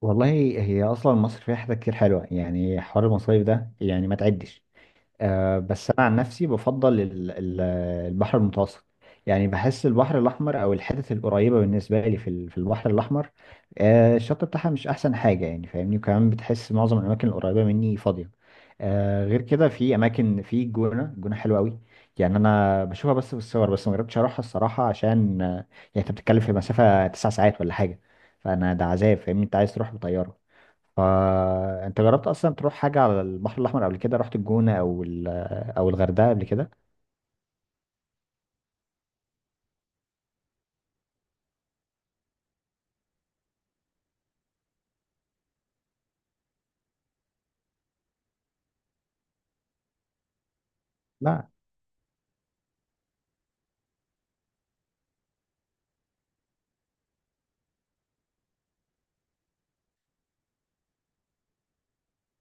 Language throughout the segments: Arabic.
والله، هي اصلا مصر فيها حاجات كتير حلوه. يعني حوار المصايف ده يعني ما تعدش. بس انا عن نفسي بفضل البحر المتوسط. يعني بحس البحر الاحمر او الحتت القريبه بالنسبه لي في البحر الاحمر. الشط بتاعها مش احسن حاجه يعني فاهمني، وكمان بتحس معظم الاماكن القريبه مني فاضيه. غير كده في اماكن في الجونه. الجونه حلوه قوي. يعني انا بشوفها بس في الصور، بس ما جربتش اروحها الصراحه عشان يعني انت بتتكلم في مسافه 9 ساعات ولا حاجه. فانا ده عذاب فاهمني، انت عايز تروح بطياره. فانت جربت اصلا تروح حاجه على البحر الاحمر قبل كده؟ رحت الجونه او الغردقه قبل كده؟ لا،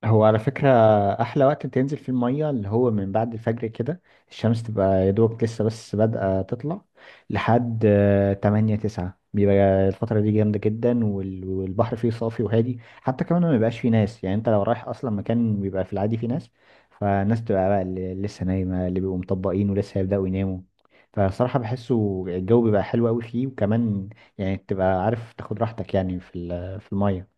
هو على فكرة أحلى وقت تنزل في المية اللي هو من بعد الفجر كده. الشمس تبقى يا دوبك لسه بس بادئة تطلع لحد 8 9، بيبقى الفترة دي جامدة جدا. والبحر فيه صافي وهادي حتى كمان، ما بيبقاش فيه ناس. يعني أنت لو رايح أصلا مكان بيبقى في العادي فيه ناس، فالناس تبقى بقى اللي لسه نايمة، اللي بيبقوا مطبقين ولسه هيبدأوا يناموا. فصراحة بحسه الجو بيبقى حلو أوي فيه، وكمان يعني تبقى عارف تاخد راحتك يعني في المية.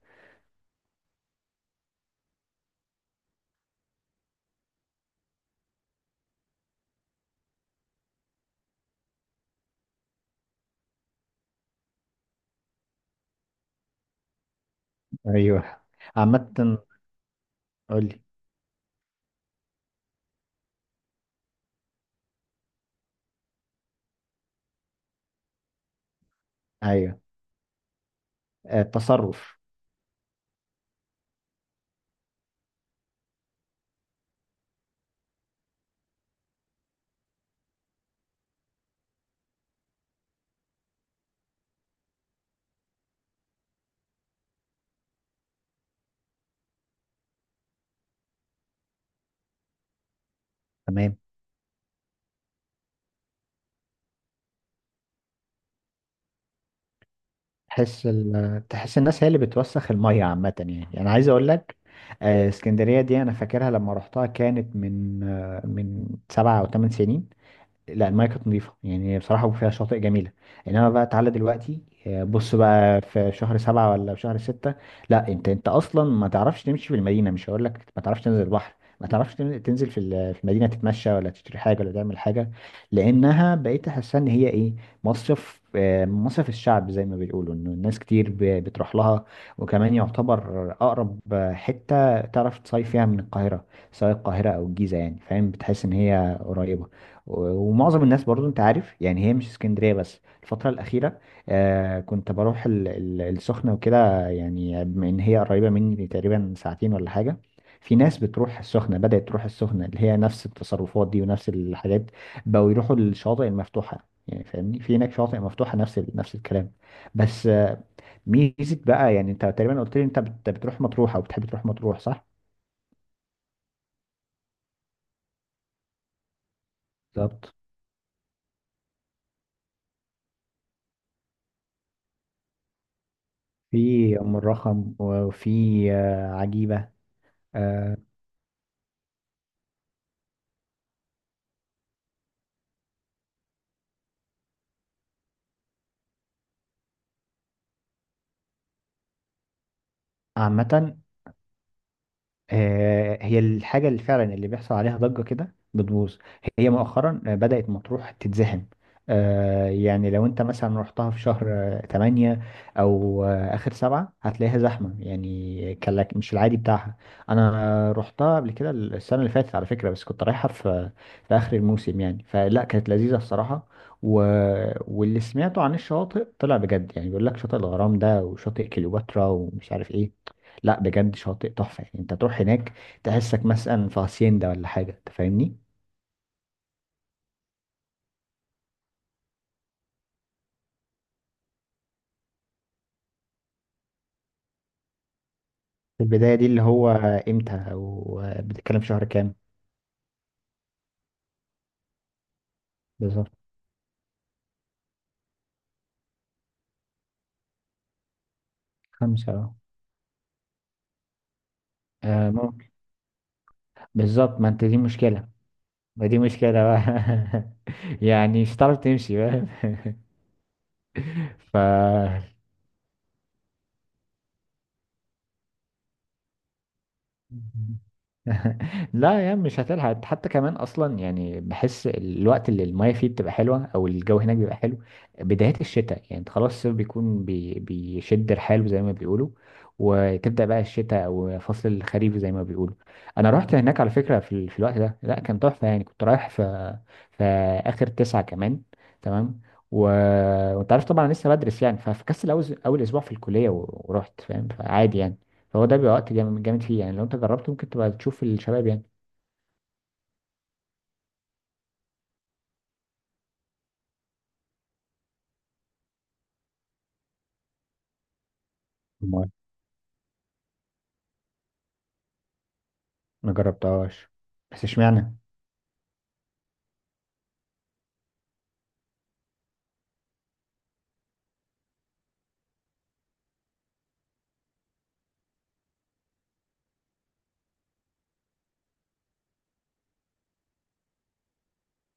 أيوه. عامة. قولي. ايوه. التصرف. تمام. تحس الناس هي اللي بتوسخ الميه عامه، يعني يعني عايز اقول لك، اسكندريه دي انا فاكرها لما رحتها، كانت من من 7 او 8 سنين. لا، المايه كانت نظيفه يعني بصراحه، فيها شاطئ جميله. انما بقى تعالى دلوقتي بص بقى في شهر 7 ولا في شهر 6، لا، انت اصلا ما تعرفش تمشي في المدينه، مش هقول لك ما تعرفش تنزل البحر. ما تعرفش تنزل في المدينه، تتمشى ولا تشتري حاجه ولا تعمل حاجه. لانها بقيت احسها ان هي ايه، مصيف. مصيف الشعب زي ما بيقولوا، انه الناس كتير بتروح لها. وكمان يعتبر اقرب حته تعرف تصيف فيها من القاهره، سواء القاهره او الجيزه. يعني فاهم بتحس ان هي قريبه. ومعظم الناس برضو انت عارف، يعني هي مش اسكندرية بس الفترة الأخيرة. آه، كنت بروح السخنة وكده، يعني بما إن هي قريبة مني تقريبا ساعتين ولا حاجة. في ناس بتروح السخنة. بدأت تروح السخنة اللي هي نفس التصرفات دي ونفس الحاجات، بقوا يروحوا للشواطئ المفتوحة يعني فاهمني. في هناك شواطئ مفتوحة، نفس الكلام. بس ميزة بقى. يعني انت تقريبا قلت لي انت بتروح مطروح او بتحب تروح مطروح صح؟ بالظبط. في أم الرخم وفي عجيبة. آه، عامة، هي الحاجة اللي فعلا اللي بيحصل عليها ضجة كده بتبوظ. هي مؤخرا بدأت مطروح تتزحم. يعني لو انت مثلا رحتها في شهر 8 أو آخر 7، هتلاقيها زحمة يعني كلك مش العادي بتاعها. أنا رحتها قبل كده السنة اللي فاتت على فكرة، بس كنت رايحها في آخر الموسم يعني، فلا كانت لذيذة الصراحة. و... واللي سمعته عن الشواطئ طلع بجد، يعني بيقول لك شاطئ الغرام ده وشاطئ كليوباترا ومش عارف ايه. لا بجد شاطئ تحفة، يعني انت تروح هناك تحسك مثلا في هاسيندا ولا حاجة انت فاهمني. في البداية دي اللي هو امتى؟ او بتتكلم شهر كام؟ بالظبط. 5 اه. ممكن. بالظبط. ما انت دي مشكلة. ما دي مشكلة بقى يعني مش هتعرف تمشي بقى ف لا يا عم مش هتلحق حتى كمان اصلا. يعني بحس الوقت اللي المايه فيه بتبقى حلوه او الجو هناك بيبقى حلو بدايه الشتاء. يعني انت خلاص الصيف بيكون بيشد رحاله زي ما بيقولوا، وتبدا بقى الشتاء او فصل الخريف زي ما بيقولوا. انا رحت هناك على فكره في، في الوقت ده لا كان تحفه، يعني كنت رايح في في اخر 9 كمان. تمام. و... وانت عارف طبعا أنا لسه بدرس، يعني ففكست اول اسبوع في الكليه و... ورحت فاهم، فعادي يعني. فهو ده بيبقى وقت جامد جامد فيه. يعني لو انت جربته ممكن تبقى تشوف الشباب يعني. أمال. ما جربتهاش. بس اشمعنى؟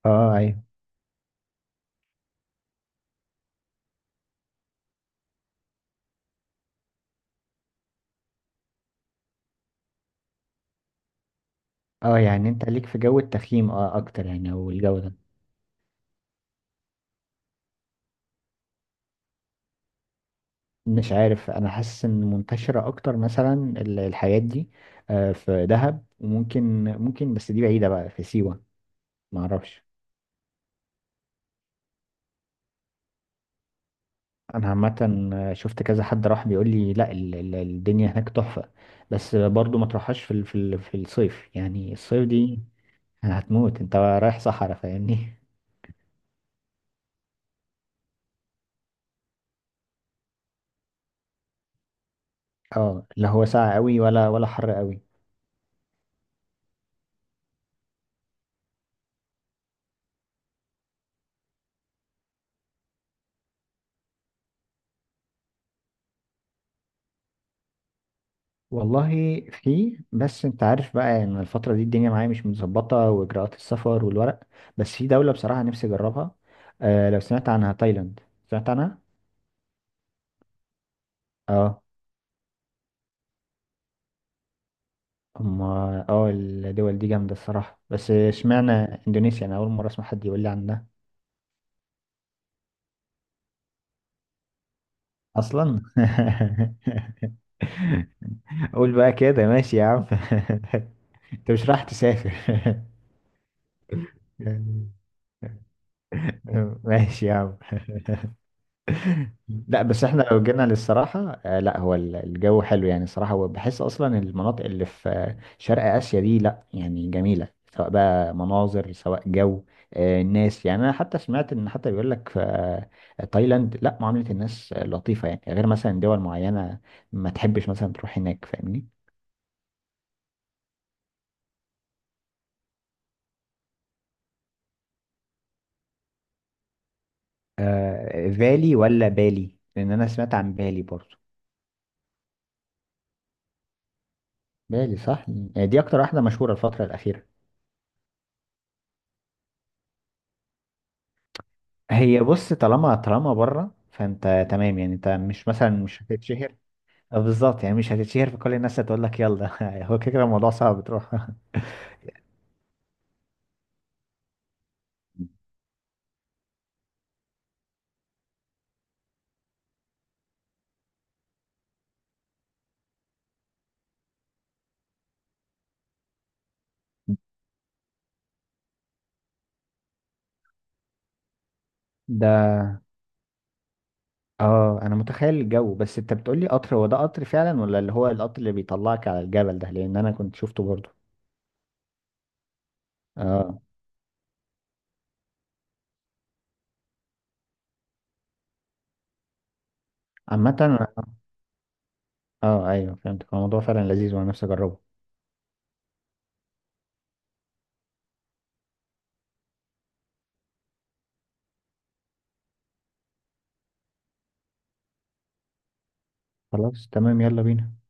اه ايوه. اه يعني انت ليك في جو التخييم اه اكتر يعني، او الجو ده. مش عارف، انا حاسس ان منتشرة اكتر مثلا الحاجات دي في دهب وممكن. ممكن بس دي بعيدة بقى في سيوة. معرفش. انا عامة، شفت كذا حد راح بيقول لي لا، الدنيا هناك تحفة. بس برضو ما تروحهاش في الصيف، يعني الصيف دي هتموت. انت رايح صحراء فاهمني. اه لا هو ساقع قوي ولا حر قوي. والله في، بس انت عارف بقى يعني الفترة دي الدنيا معايا مش متظبطة واجراءات السفر والورق. بس في دولة بصراحة نفسي اجربها. آه لو سمعت عنها، تايلاند. سمعت عنها؟ اه. اما اه الدول دي جامدة الصراحة، بس اشمعنى اندونيسيا؟ انا اول مرة اسمع حد يقول لي عنها اصلا قول بقى كده، ماشي يا عم انت مش رايح تسافر يعني. ماشي يا عم. لا بس احنا لو جينا للصراحة، آه لا هو الجو حلو يعني الصراحة. وبحس اصلا المناطق اللي في شرق اسيا دي لا يعني جميلة، سواء بقى مناظر سواء جو. آه الناس، يعني انا حتى سمعت ان حتى بيقول لك في تايلاند لا معاملة الناس لطيفة يعني، غير مثلا دول معينة ما تحبش مثلا تروح هناك فاهمني. آه بالي ولا بالي، لان انا سمعت عن بالي برضو. بالي صح. دي اكتر واحدة مشهورة الفترة الأخيرة. هي بص، طالما بره فانت تمام. يعني انت مش مثلا مش هتتشهر. بالظبط يعني مش هتتشهر، فكل الناس هتقول لك يلا هو كده كده الموضوع صعب تروح ده اه انا متخيل الجو. بس انت بتقولي قطر، هو ده قطر فعلا ولا اللي هو القطر اللي بيطلعك على الجبل ده؟ لان انا كنت شفته برضه. اه عامة اه ايوه، فهمت الموضوع فعلا لذيذ، وانا نفسي اجربه. خلاص تمام، يلا بينا.